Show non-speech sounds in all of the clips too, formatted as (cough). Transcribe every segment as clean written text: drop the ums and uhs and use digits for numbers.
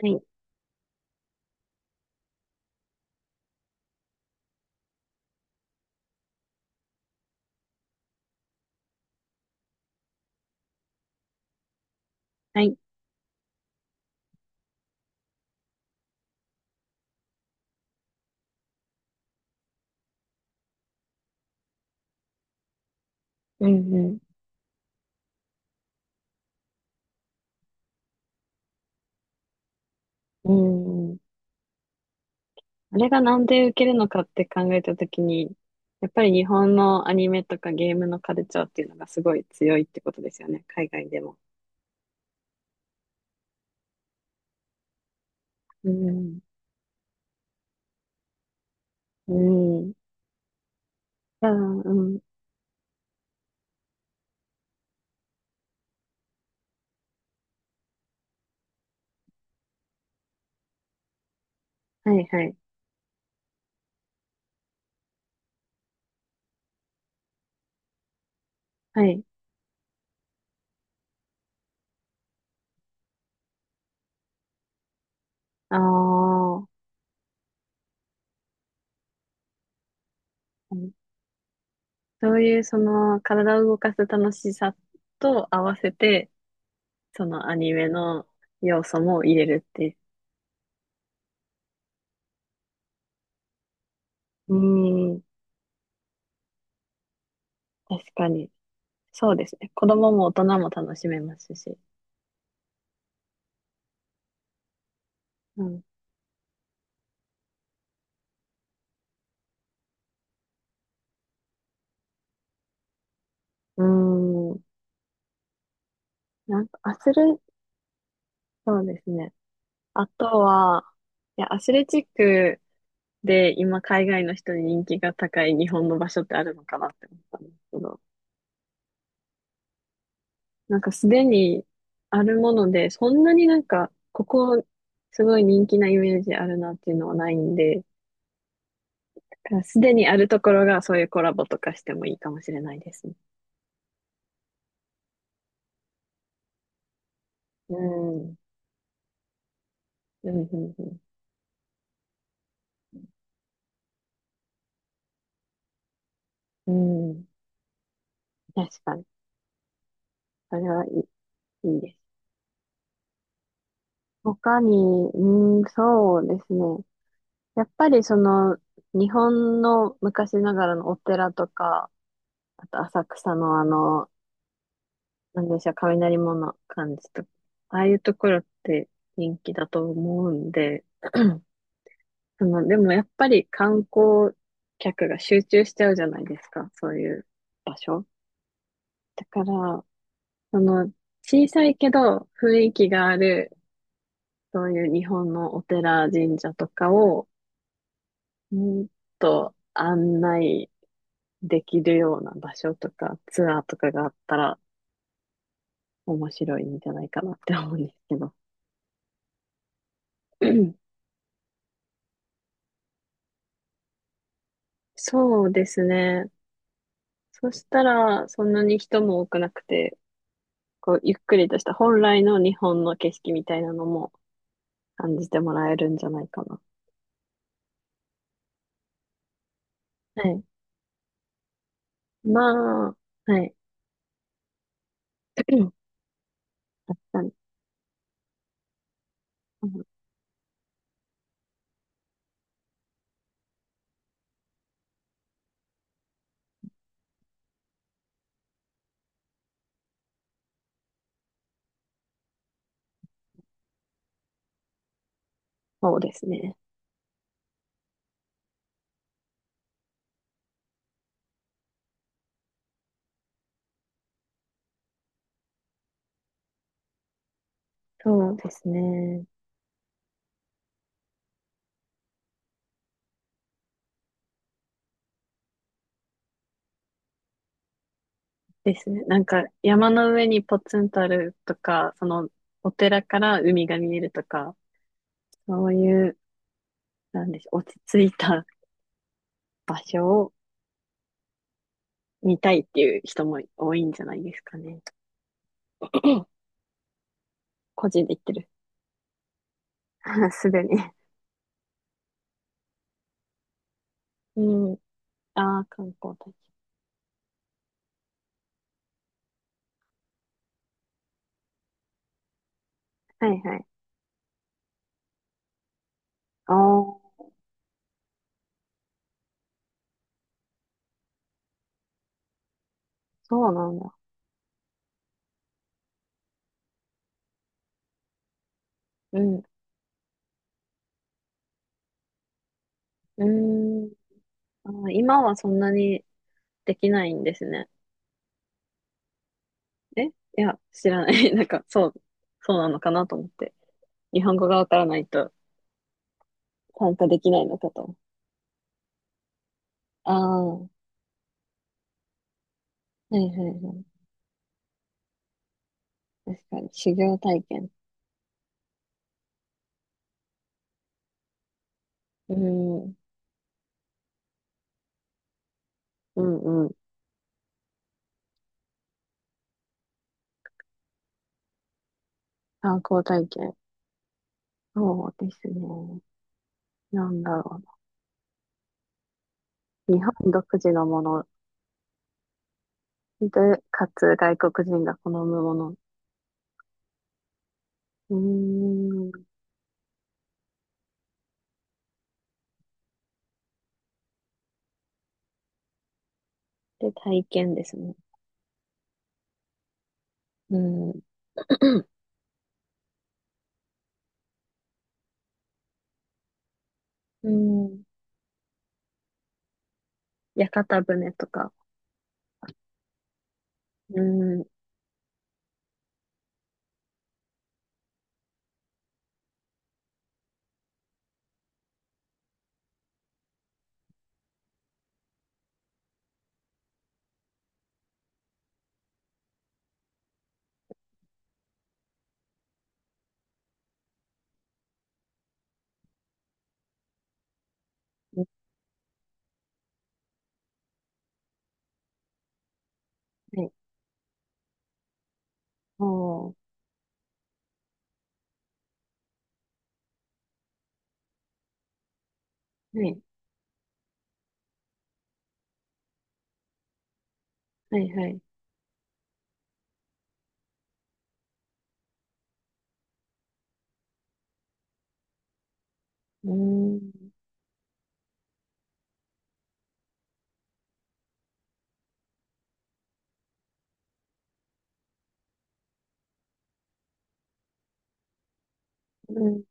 はい、はい、うん、うん、うん。あれがなんで受けるのかって考えたときに、やっぱり日本のアニメとかゲームのカルチャーっていうのがすごい強いってことですよね、海外でも。うん、うん。ああ、うん。はい、はい、はい。ああ、うん、そういうその体を動かす楽しさと合わせて、そのアニメの要素も入れるっていう。うん、確かに。そうですね。子供も大人も楽しめますし。うん。なんか、アスレ、そうですね。あとは、いや、アスレチックで今海外の人に人気が高い日本の場所ってあるのかなって思ったんですけど、なんかすでにあるもので、そんなになんか、ここすごい人気なイメージあるなっていうのはないんで、だからすでにあるところがそういうコラボとかしてもいいかもしれないですね。うん。うん、うん、うん。うん。確かに。それはいい、いいです。他に、うん、そうですね。やっぱりその、日本の昔ながらのお寺とか、あと浅草のあの、なんでしょう、雷門の感じとか、ああいうところって人気だと思うんで、その、でもやっぱり観光客が集中しちゃうじゃないですか、そういう場所。だから、その、小さいけど雰囲気がある、そういう日本のお寺、神社とかを、もっと案内できるような場所とかツアーとかがあったら面白いんじゃないかなって思うんですけど。(clears throat) そうですね。そしたらそんなに人も多くなくて、こうゆっくりとした本来の日本の景色みたいなのも感じてもらえるんじゃないかな。はい。まあ、はい。(clears throat) 確かに。うん、そうですね。そうですね。ですね。なんか山の上にポツンとあるとか、そのお寺から海が見えるとか、そういう、なんでしょう、落ち着いた場所を見たいっていう人も多いんじゃないですかね。(clears throat) 個人で行ってる。(laughs) すでに。うん。ああ、観光大使。はいはい。ああ、そうなんだ。うん。うーん。あー今はそんなにできないんですね。え、いや、知らない。(laughs) なんか、そう、そうなのかなと思って。日本語がわからないと参加できないのかと。ああ、はいはいはい。確かに、修行体験。うん、うん、うん。観光体験。そうですね。なんだろうな。日本独自のもので、かつ外国人が好むもの。うーん。で、体験ですね。うん。(clears throat) うん。屋形船とか。うん。はい。おー。はい。はいはい。うーん。うん。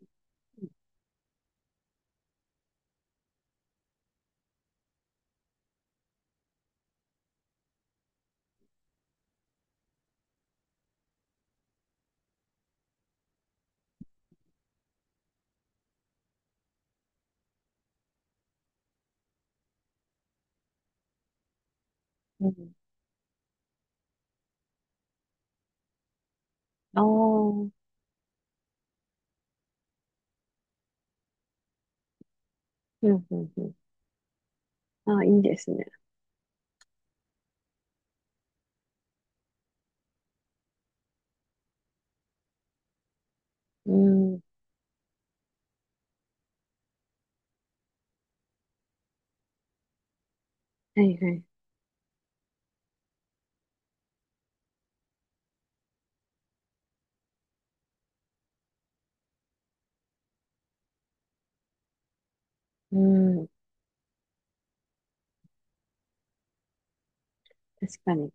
うん。ああ。うん。うん。うん。ああ、いいですね。うん。はいはい。うん。確かに。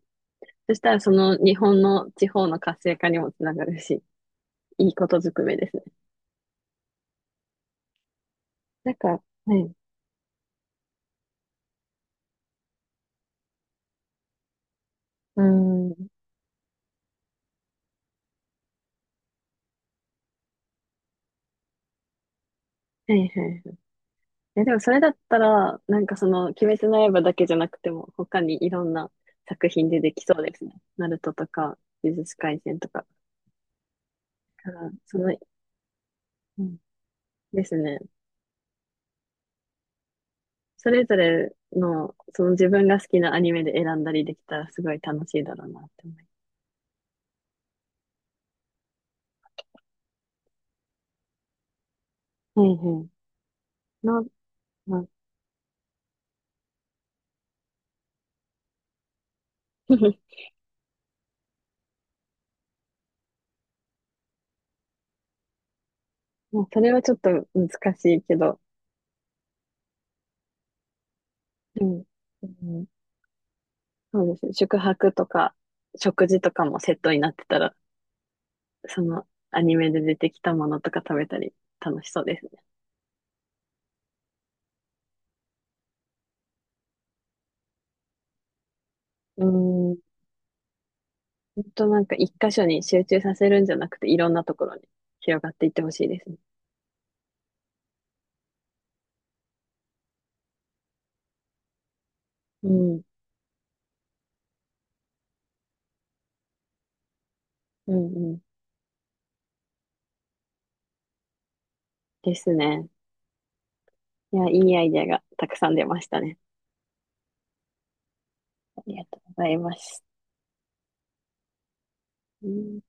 そしたら、その日本の地方の活性化にもつながるし、いいことずくめですね。なんか、はい。うん。はいはいはい。え、でもそれだったら、なんかその、鬼滅の刃だけじゃなくても、他にいろんな作品でできそうですね。ナルトとか、呪術廻戦とか。だから、その、うん、ですね。それぞれの、その自分が好きなアニメで選んだりできたら、すごい楽しいだろうなって思います。はいはい。な、まあ、 (laughs) まあ、それはちょっと難しいけど、でも、うん、そうですね。宿泊とか、食事とかもセットになってたら、そのアニメで出てきたものとか食べたり楽しそうですね。うん、ほんとなんか一箇所に集中させるんじゃなくて、いろんなところに広がっていってほしいですね。うん、うん、うん。ですね。いや、いいアイデアがたくさん出ましたね。ありがとうございます。うん